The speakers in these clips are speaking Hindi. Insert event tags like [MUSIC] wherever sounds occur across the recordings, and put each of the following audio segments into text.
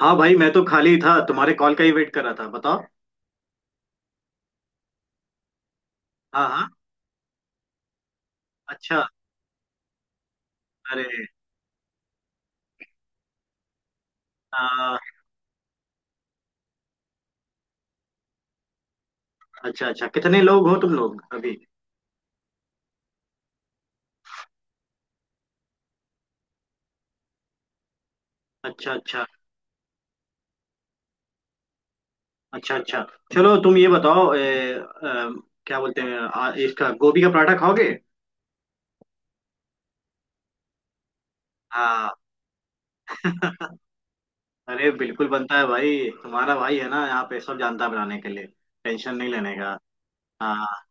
हाँ भाई, मैं तो खाली था, तुम्हारे कॉल का ही वेट कर रहा था। बताओ। हाँ हाँ। अच्छा। अरे आ, अच्छा अच्छा, कितने लोग हो तुम लोग अभी? अच्छा अच्छा। अच्छा अच्छा। चलो तुम ये बताओ, क्या बोलते हैं, इसका गोभी का पराठा खाओगे? हाँ। अरे बिल्कुल बनता है भाई, तुम्हारा भाई है ना यहाँ पे, सब जानता है बनाने के लिए। टेंशन नहीं लेने का। हाँ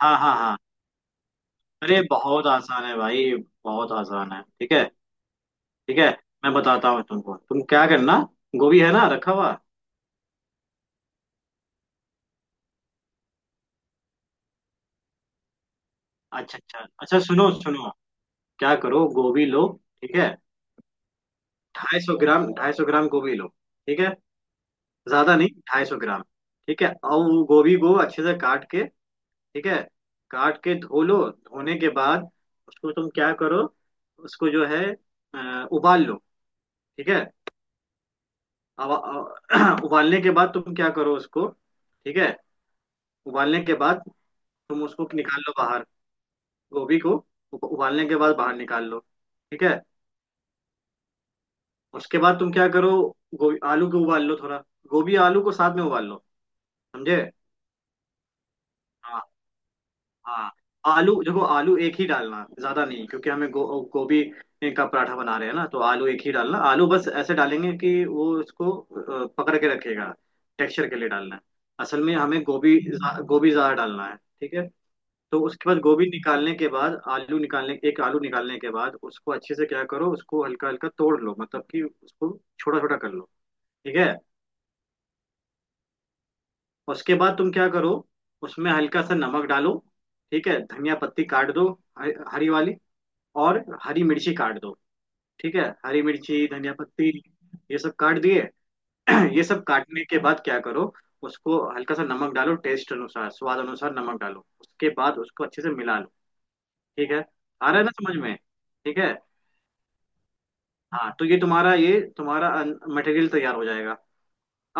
हाँ हाँ हाँ। अरे बहुत आसान है भाई, बहुत आसान है। ठीक है। ठीक है। मैं बताता हूँ तुमको, तुम क्या करना। गोभी है ना रखा हुआ? अच्छा अच्छा अच्छा, सुनो सुनो, क्या करो, गोभी लो। ठीक है। ढाई सौ ग्राम, ढाई सौ ग्राम गोभी लो। ठीक है, ज्यादा नहीं, ढाई सौ ग्राम। ठीक है, और वो गोभी को अच्छे से काट के, ठीक है, काट के धो लो। धोने के बाद उसको तुम क्या करो, उसको, जो है, उबाल लो। ठीक है। अब [CLEARS THROAT] उबालने के बाद तुम क्या करो उसको। ठीक है। उबालने के बाद तुम उसको निकाल लो बाहर, गोभी को। उबालने के बाद बाहर निकाल लो। ठीक है। उसके बाद तुम क्या करो, गोभी आलू को उबाल लो थोड़ा, गोभी आलू को साथ में उबाल लो, समझे? हाँ हाँ। आलू देखो, आलू एक ही डालना, ज्यादा नहीं, क्योंकि हमें गोभी का पराठा बना रहे हैं ना, तो आलू एक ही डालना। आलू बस ऐसे डालेंगे कि वो उसको पकड़ के रखेगा। टेक्सचर के लिए डालना है, असल में हमें गोभी गोभी ज्यादा डालना है। ठीक है। तो उसके बाद, गोभी निकालने के बाद, आलू निकालने, एक आलू निकालने के बाद उसको अच्छे से क्या करो, उसको हल्का हल्का तोड़ लो, मतलब कि उसको छोटा छोटा कर लो। ठीक है। उसके बाद तुम क्या करो, उसमें हल्का सा नमक डालो। ठीक है, धनिया पत्ती काट दो, हरी हरी वाली, और हरी मिर्ची काट दो। ठीक है, हरी मिर्ची, धनिया पत्ती, ये सब काट दिए। [CLEARS THROAT] ये सब काटने के बाद क्या करो, उसको हल्का सा नमक डालो, टेस्ट अनुसार, स्वाद अनुसार नमक डालो, उसके बाद उसको अच्छे से मिला लो। ठीक है। आ रहा है ना समझ में? ठीक है। हाँ तो ये तुम्हारा, ये तुम्हारा मटेरियल तैयार हो जाएगा।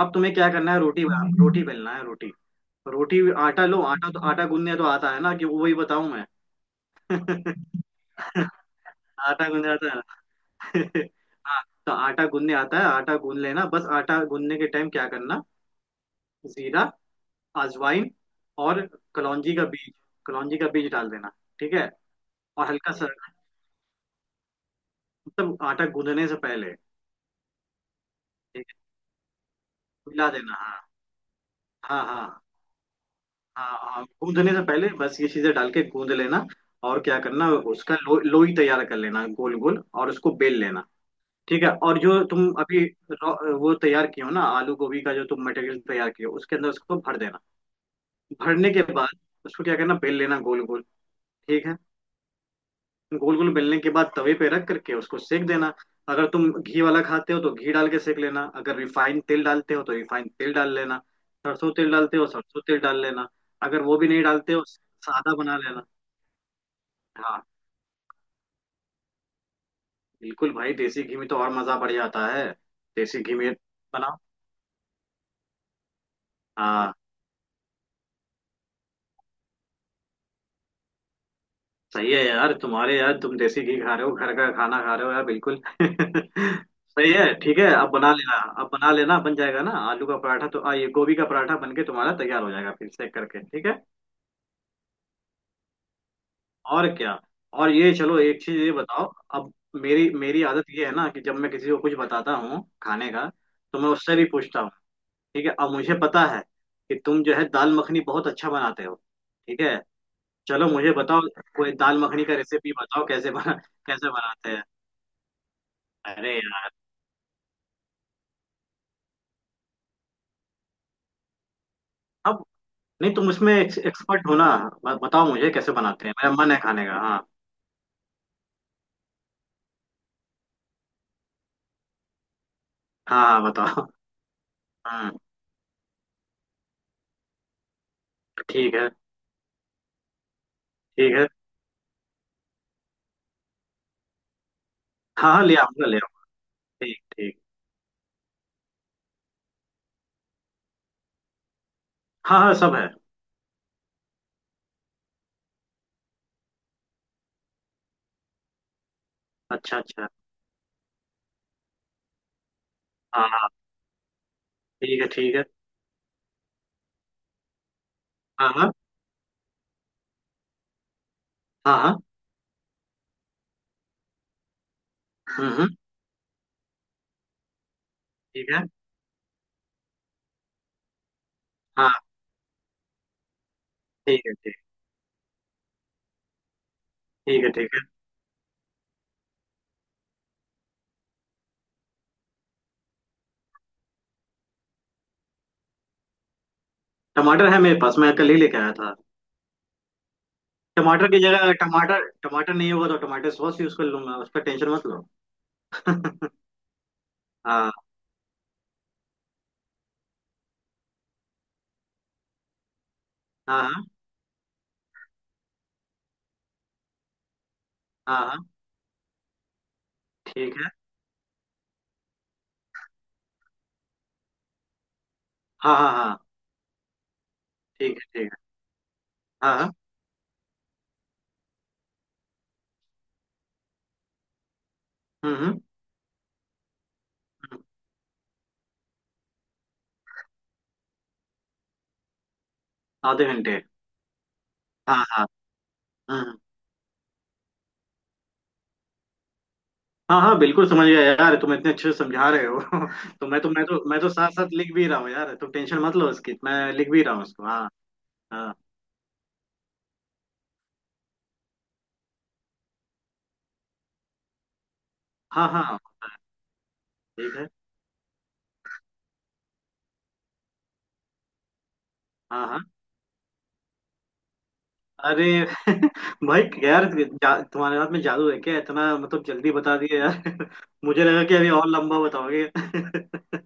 अब तुम्हें क्या करना है, रोटी बेलना है, रोटी, रोटी। आटा लो, आटा, तो आटा गूंदने तो आता है ना, कि वो वही बताऊं मैं? [LAUGHS] आटा गूंदने आता है ना? [LAUGHS] हाँ, तो आटा गूंदने आता है, आटा गूंद लेना। बस आटा गूंदने के टाइम क्या करना, जीरा, अजवाइन और कलौंजी का बीज, कलौंजी का बीज डाल देना। ठीक है, और हल्का सा, मतलब आटा गूंदने से पहले। ठीक है, मिला देना। हाँ हाँ हाँ हाँ हाँ, गूंदने से पहले बस ये चीजें डाल के गूंद लेना। और क्या करना, उसका लोई तैयार कर लेना, गोल गोल, और उसको बेल लेना। ठीक है। और जो तुम अभी वो तैयार किए हो ना, आलू गोभी का जो तुम मटेरियल तैयार किए हो, उसके अंदर उसको भर देना। भरने के बाद उसको क्या करना, बेल लेना गोल गोल। ठीक है। गोल गोल बेलने के बाद तवे पे रख करके उसको सेक देना। अगर तुम घी वाला खाते हो तो घी डाल के सेक लेना, अगर रिफाइंड तेल डालते हो तो रिफाइंड तेल डाल लेना, सरसों तेल डालते हो सरसों तेल डाल लेना। अगर वो भी नहीं डालते हो, सादा बना लेना। हाँ, बिल्कुल भाई, देसी घी में तो और मजा बढ़ जाता है। देसी घी में बनाओ। हाँ, सही है यार, तुम्हारे, यार तुम देसी घी खा रहे हो, घर का खाना खा रहे हो यार, बिल्कुल। [LAUGHS] सही है, ठीक है, अब बना लेना। अब बना लेना, बन जाएगा ना आलू का पराठा, तो ये गोभी का पराठा बन के तुम्हारा तैयार हो जाएगा, फिर सेक करके। ठीक है। और क्या, और ये चलो एक चीज ये बताओ अब। मेरी मेरी आदत ये है ना, कि जब मैं किसी को कुछ बताता हूँ खाने का, तो मैं उससे भी पूछता हूँ। ठीक है, अब मुझे पता है कि तुम जो है दाल मखनी बहुत अच्छा बनाते हो। ठीक है। चलो मुझे बताओ, कोई दाल मखनी का रेसिपी बताओ, कैसे बना, कैसे बनाते हैं। अरे यार, अब नहीं, तुम इसमें एक्सपर्ट हो ना, बताओ मुझे कैसे बनाते हैं, मेरा मन है खाने का। हाँ हाँ हाँ बताओ। हम्म। ठीक है, ठीक है। हाँ हाँ, ले आऊंगा, ले आऊंगा, ठीक ठीक। हाँ हाँ सब है। अच्छा अच्छा। हाँ हाँ। ठीक है ठीक है। हाँ हाँ हाँ हाँ। हम्म हम्म, ठीक है। हाँ। ठीक है। ठीक। ठीक है। ठीक है। टमाटर है मेरे पास, मैं कल ही लेके आया था। टमाटर की जगह, टमाटर, टमाटर नहीं होगा तो टमाटर सॉस यूज कर लूंगा, उसका टेंशन मत लो। [LAUGHS] हाँ हाँ हाँ हाँ हाँ, ठीक है। हाँ हाँ हाँ। ठीक है ठीक है। हाँ हाँ। हम्म हम्म, आधे घंटे। हाँ हाँ। हम्म। हाँ हाँ बिल्कुल समझ गया यार, तुम इतने अच्छे से समझा रहे हो। [LAUGHS] तो मैं तो साथ साथ लिख भी रहा हूँ यार, तुम टेंशन मत लो उसकी, मैं लिख भी रहा हूँ उसको। हाँ हाँ हाँ हाँ। ठीक है। हाँ हाँ। अरे [LAUGHS] भाई यार, तुम्हारे हाथ में जादू है क्या? इतना मतलब जल्दी बता दिए यार। [LAUGHS] मुझे लगा कि अभी और लंबा बताओगे। [LAUGHS]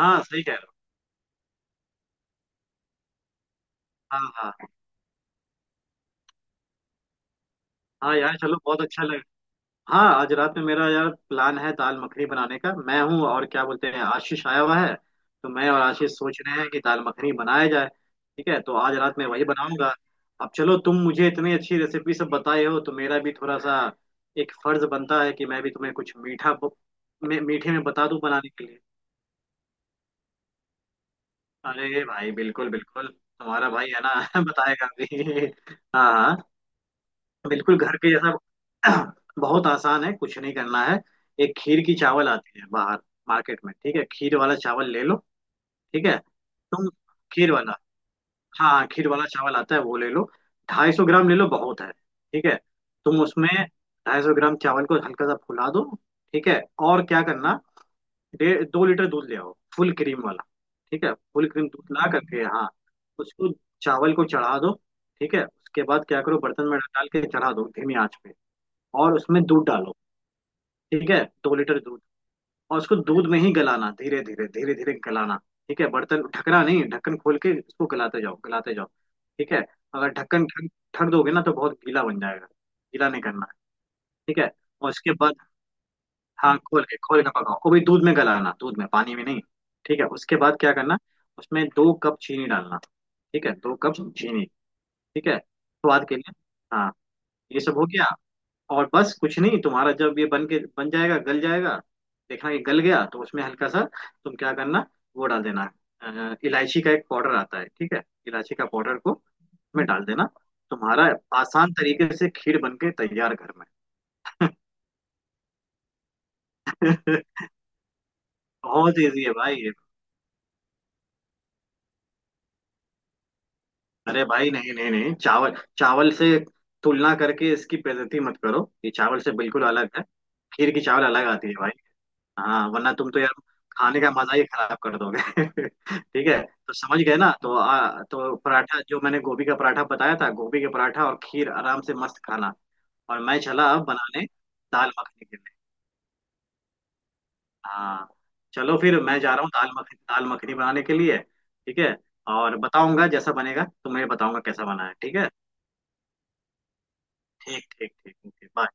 हाँ सही कह रहे हो। हाँ हाँ हाँ। यार चलो, बहुत अच्छा लगा। हाँ, आज रात में मेरा यार प्लान है दाल मखनी बनाने का, मैं हूँ और क्या बोलते हैं, आशीष आया हुआ है, तो मैं और आशीष सोच रहे हैं कि दाल मखनी बनाया जाए। ठीक है, तो आज रात में वही बनाऊंगा। अब चलो, तुम मुझे इतनी अच्छी रेसिपी सब बताए हो, तो मेरा भी थोड़ा सा एक फर्ज बनता है कि मैं भी तुम्हें कुछ मीठा मीठे में बता दूं बनाने के लिए। अरे भाई, बिल्कुल बिल्कुल, तुम्हारा भाई है ना, [LAUGHS] बताएगा भी। हाँ हाँ। बिल्कुल घर के जैसा। [CLEARS THROAT] बहुत आसान है, कुछ नहीं करना है। एक खीर की चावल आती है बाहर मार्केट में, ठीक है, खीर वाला चावल ले लो। ठीक है, तुम खीर वाला, हाँ हाँ, खीर वाला चावल आता है, वो ले लो। ढाई सौ ग्राम ले लो, बहुत है। ठीक है, तुम उसमें ढाई सौ ग्राम चावल को हल्का सा फुला दो। ठीक है। और क्या करना, डेढ़ दो लीटर दूध ले आओ, फुल क्रीम वाला। ठीक है, फुल क्रीम दूध ला करके, हाँ, उसको, चावल को चढ़ा दो। ठीक है, उसके बाद क्या करो, बर्तन में डाल के चढ़ा दो धीमी आंच पे, और उसमें दूध डालो। ठीक है, दो लीटर दूध, और उसको दूध में ही गलाना, धीरे धीरे धीरे धीरे गलाना। ठीक है, बर्तन ढकना नहीं, ढक्कन खोल के इसको गलाते जाओ गलाते जाओ। ठीक है, अगर ढक्कन ढक ढक दोगे ना, तो बहुत गीला बन जाएगा, गीला नहीं करना है। ठीक है। और उसके बाद, हाँ, खोल के पकाओ, वो भी दूध में गलाना, दूध में, पानी में नहीं। ठीक है, उसके बाद क्या करना, उसमें दो कप चीनी डालना। ठीक है, दो कप चीनी, ठीक है, स्वाद के लिए। हाँ। ये सब हो गया। और बस कुछ नहीं, तुम्हारा जब ये बन के बन जाएगा, गल जाएगा, देखना कि गल गया तो उसमें हल्का सा तुम क्या करना, वो डाल देना, इलायची का एक पाउडर आता है, ठीक है, इलायची का पाउडर को में डाल देना। तुम्हारा आसान तरीके से खीर बन के तैयार घर में। [LAUGHS] बहुत इजी है भाई ये। अरे भाई, नहीं नहीं नहीं, चावल, चावल से तुलना करके इसकी बेइज्जती मत करो, ये चावल से बिल्कुल अलग है। खीर की चावल अलग आती है भाई। हाँ, वरना तुम तो यार खाने का मजा ही खराब कर दोगे। [LAUGHS] ठीक है। तो समझ गए ना, तो तो पराठा, जो मैंने गोभी का पराठा बताया था, गोभी के पराठा और खीर आराम से मस्त खाना। और मैं चला अब बनाने, दाल मखनी के लिए। हाँ, चलो फिर मैं जा रहा हूँ, दाल मखनी, दाल मखनी बनाने के लिए। ठीक है, और बताऊंगा जैसा बनेगा, तुम्हें बताऊंगा कैसा बना है। ठीक है। ठीक ठीक ठीक, ओके बाय।